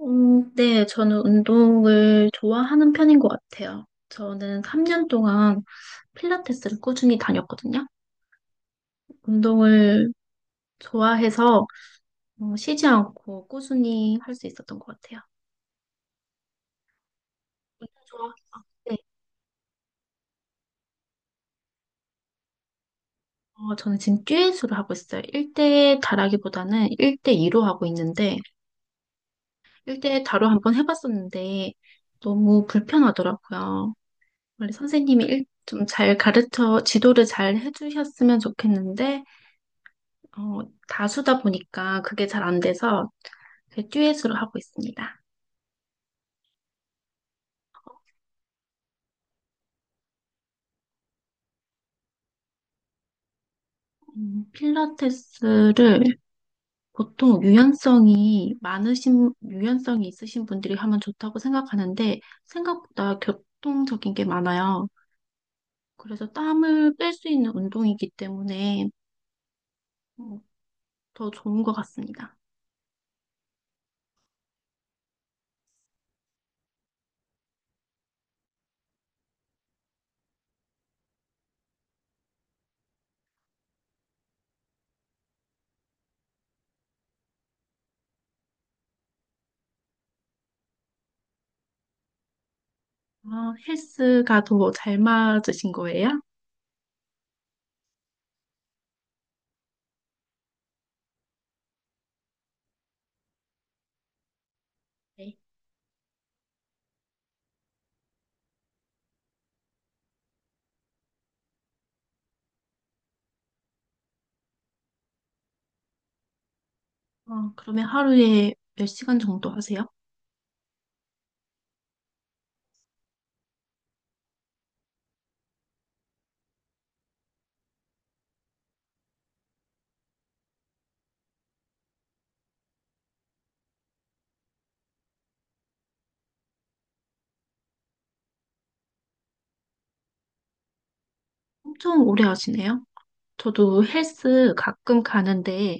네, 저는 운동을 좋아하는 편인 것 같아요. 저는 3년 동안 필라테스를 꾸준히 다녔거든요. 운동을 좋아해서 쉬지 않고 꾸준히 할 수 있었던 것 같아요. 운동 좋아? 네. 저는 지금 듀엣으로 하고 있어요. 1대 다라기보다는 1대2로 하고 있는데 1대 다로 한번 해봤었는데 너무 불편하더라고요. 원래 선생님이 좀 잘 지도를 잘 해주셨으면 좋겠는데 어, 다수다 보니까 그게 잘 안 돼서 그 듀엣으로 하고 있습니다. 필라테스를 보통 유연성이 있으신 분들이 하면 좋다고 생각하는데 생각보다 교통적인 게 많아요. 그래서 땀을 뺄 수 있는 운동이기 때문에 음, 더 좋은 것 같습니다. 아, 헬스가 더 잘 맞으신 거예요? 네. 그러면 하루에 몇 시간 정도 하세요? 엄청 오래 하시네요. 저도 헬스 가끔 가는데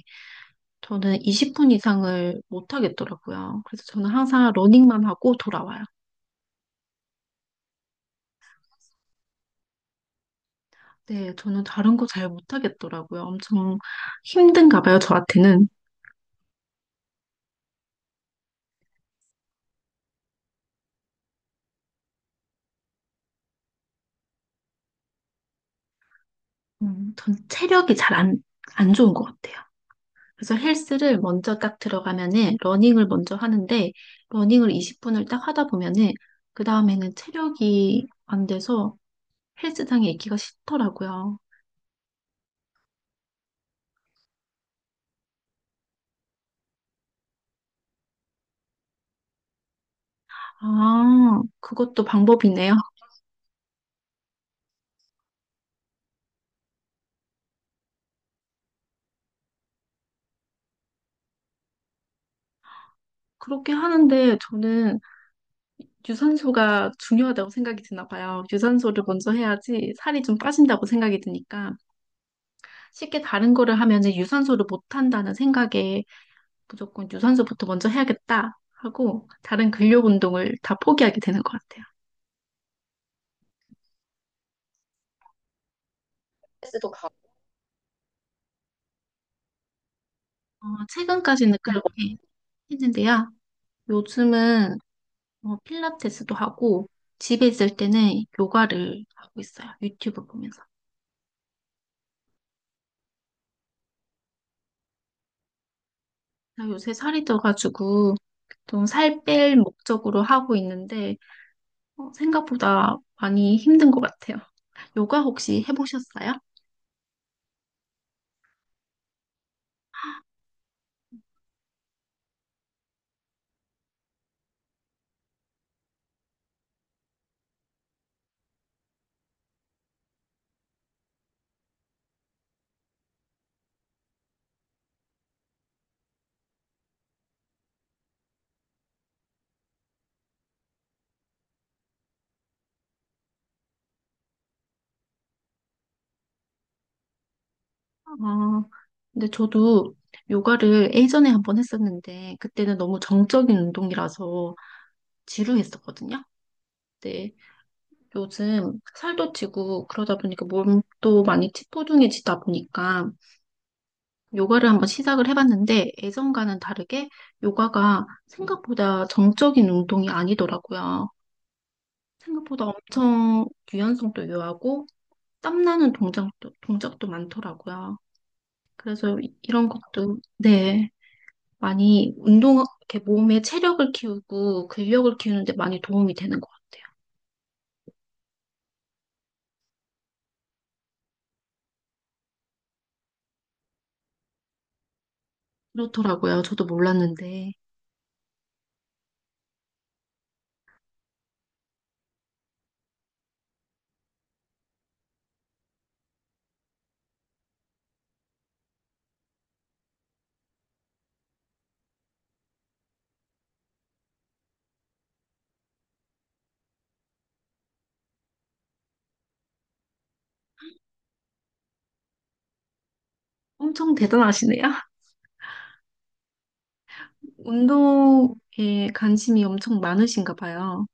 저는 20분 이상을 못 하겠더라고요. 그래서 저는 항상 러닝만 하고 돌아와요. 네, 저는 다른 거 잘 못 하겠더라고요. 엄청 힘든가 봐요, 저한테는. 전 체력이 잘 안 좋은 것 같아요. 그래서 헬스를 먼저 딱 들어가면은 러닝을 먼저 하는데 러닝을 20분을 딱 하다 보면은 그 다음에는 체력이 안 돼서 헬스장에 있기가 싫더라고요. 아, 그것도 방법이네요. 그렇게 하는데 저는 유산소가 중요하다고 생각이 드나 봐요. 유산소를 먼저 해야지 살이 좀 빠진다고 생각이 드니까 쉽게 다른 거를 하면 유산소를 못 한다는 생각에 무조건 유산소부터 먼저 해야겠다 하고 다른 근력 운동을 다 포기하게 되는 것 같아요. 헬스도 가고. 어, 최근까지는 그렇게 했는데요. 요즘은 필라테스도 하고 집에 있을 때는 요가를 하고 있어요. 유튜브 보면서. 나 요새 살이 쪄가지고 좀 살 뺄 목적으로 하고 있는데 생각보다 많이 힘든 것 같아요. 요가 혹시 해보셨어요? 아, 근데 저도 요가를 예전에 한번 했었는데 그때는 너무 정적인 운동이라서 지루했었거든요. 근데 요즘 살도 찌고 그러다 보니까 몸도 많이 찌뿌둥해지다 보니까 요가를 한번 시작을 해봤는데 예전과는 다르게 요가가 생각보다 정적인 운동이 아니더라고요. 생각보다 엄청 유연성도 유하고 땀나는 동작도 많더라고요. 그래서 이런 것도, 네, 많이 이렇게 몸의 체력을 키우고 근력을 키우는데 많이 도움이 되는 것 같아요. 그렇더라고요. 저도 몰랐는데. 엄청 대단하시네요. 운동에 관심이 엄청 많으신가 봐요.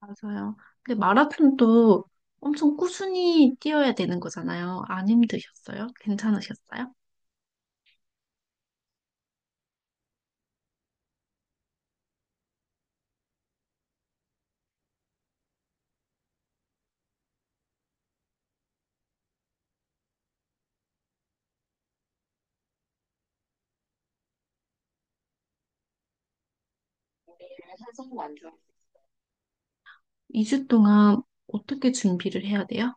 맞아요. 근데 마라톤도 엄청 꾸준히 뛰어야 되는 거잖아요. 안 힘드셨어요? 괜찮으셨어요? 2주 동안 어떻게 준비를 해야 돼요?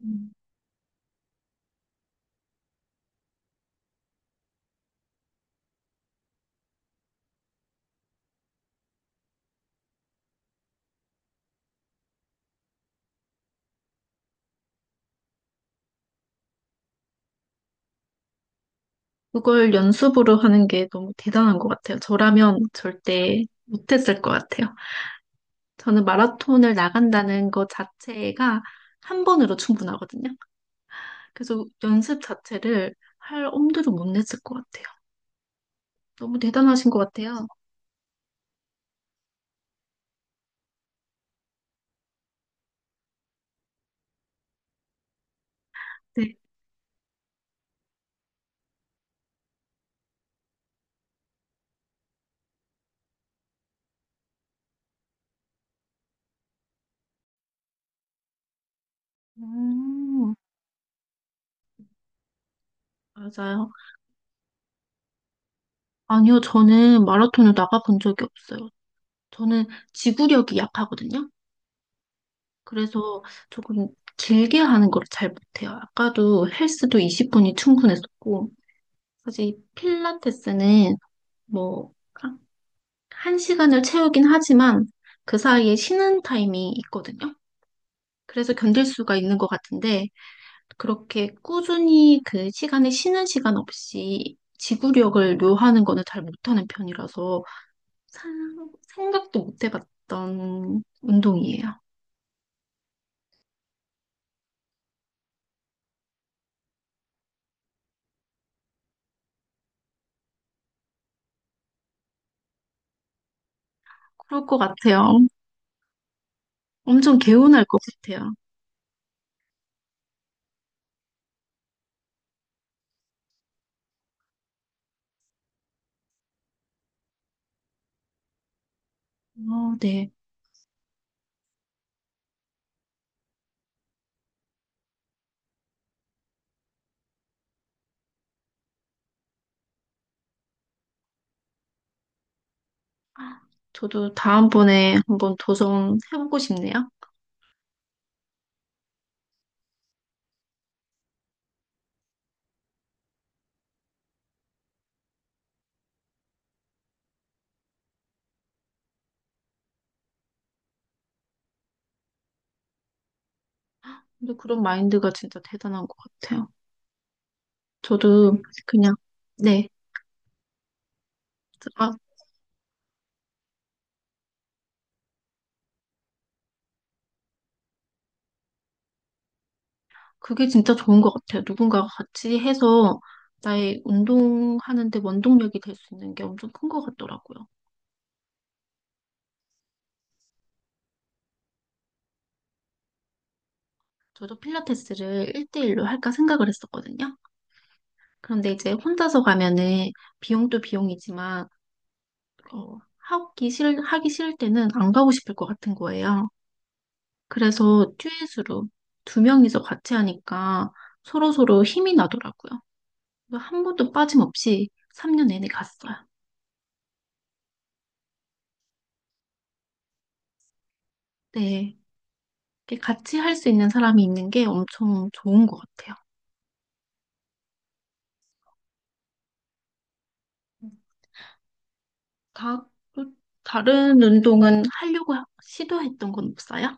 음. 그걸 연습으로 하는 게 너무 대단한 것 같아요. 저라면 절대 못했을 것 같아요. 저는 마라톤을 나간다는 것 자체가 한 번으로 충분하거든요. 그래서 연습 자체를 할 엄두를 못 냈을 것 같아요. 너무 대단하신 것 같아요. 네, 음. 맞아요. 아니요, 저는 마라톤을 나가본 적이 없어요. 저는 지구력이 약하거든요. 그래서 조금 길게 하는 걸 잘 못해요. 아까도 헬스도 20분이 충분했었고, 사실 이 필라테스는 뭐, 한 시간을 채우긴 하지만 그 사이에 쉬는 타임이 있거든요. 그래서 견딜 수가 있는 것 같은데, 그렇게 꾸준히 그 시간에 쉬는 시간 없이 지구력을 요하는 거는 잘 못하는 편이라서 생각도 못 해봤던 운동이에요. 그럴 것 같아요. 엄청 개운할 것 같아요. 어, 네. 저도 다음번에 한번 도성 해보고 싶네요. 근데 그런 마인드가 진짜 대단한 것 같아요. 저도 그냥, 네. 아, 그게 진짜 좋은 것 같아요. 누군가가 같이 해서 나의 운동하는데 원동력이 될 수 있는 게 엄청 큰 것 같더라고요. 저도 필라테스를 1대1로 할까 생각을 했었거든요. 그런데 이제 혼자서 가면은 비용도 비용이지만, 하기 싫을 때는 안 가고 싶을 것 같은 거예요. 그래서 듀엣으로 두 명이서 같이 하니까 서로서로 힘이 나더라고요. 그래서 한 번도 빠짐없이 3년 내내 갔어요. 네. 이렇게 같이 할 수 있는 사람이 있는 게 엄청 좋은 것 같아요. 다, 또 다른 운동은 하려고 시도했던 건 없어요?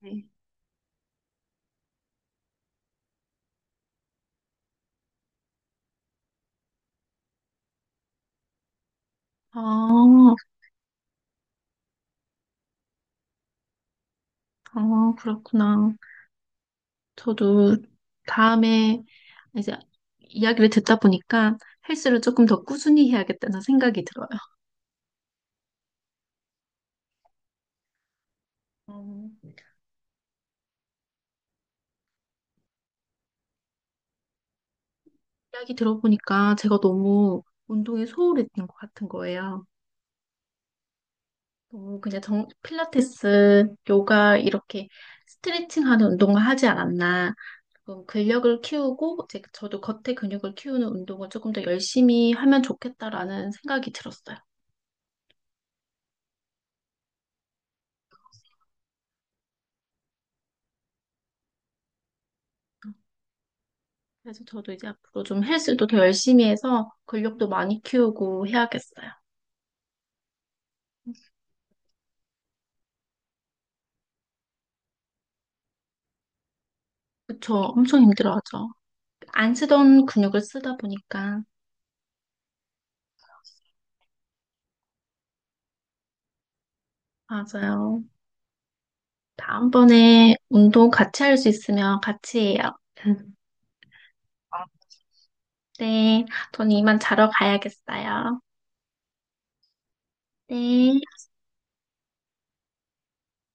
네. 아, 아, 그렇구나. 저도 다음에 이제 이야기를 듣다 보니까 헬스를 조금 더 꾸준히 해야겠다는 생각이 들어요. 어, 이야기 들어보니까 제가 너무 운동에 소홀했던 것 같은 거예요. 너무 그냥 필라테스, 요가 이렇게 스트레칭하는 운동을 하지 않았나. 그럼 근력을 키우고 이제 저도 겉에 근육을 키우는 운동을 조금 더 열심히 하면 좋겠다라는 생각이 들었어요. 그래서 저도 이제 앞으로 좀 헬스도 더 열심히 해서 근력도 많이 키우고 해야겠어요. 그쵸? 엄청 힘들어하죠. 안 쓰던 근육을 쓰다 보니까. 맞아요. 다음번에 운동 같이 할 수 있으면 같이 해요. 네, 전 이만 자러 가야겠어요. 네.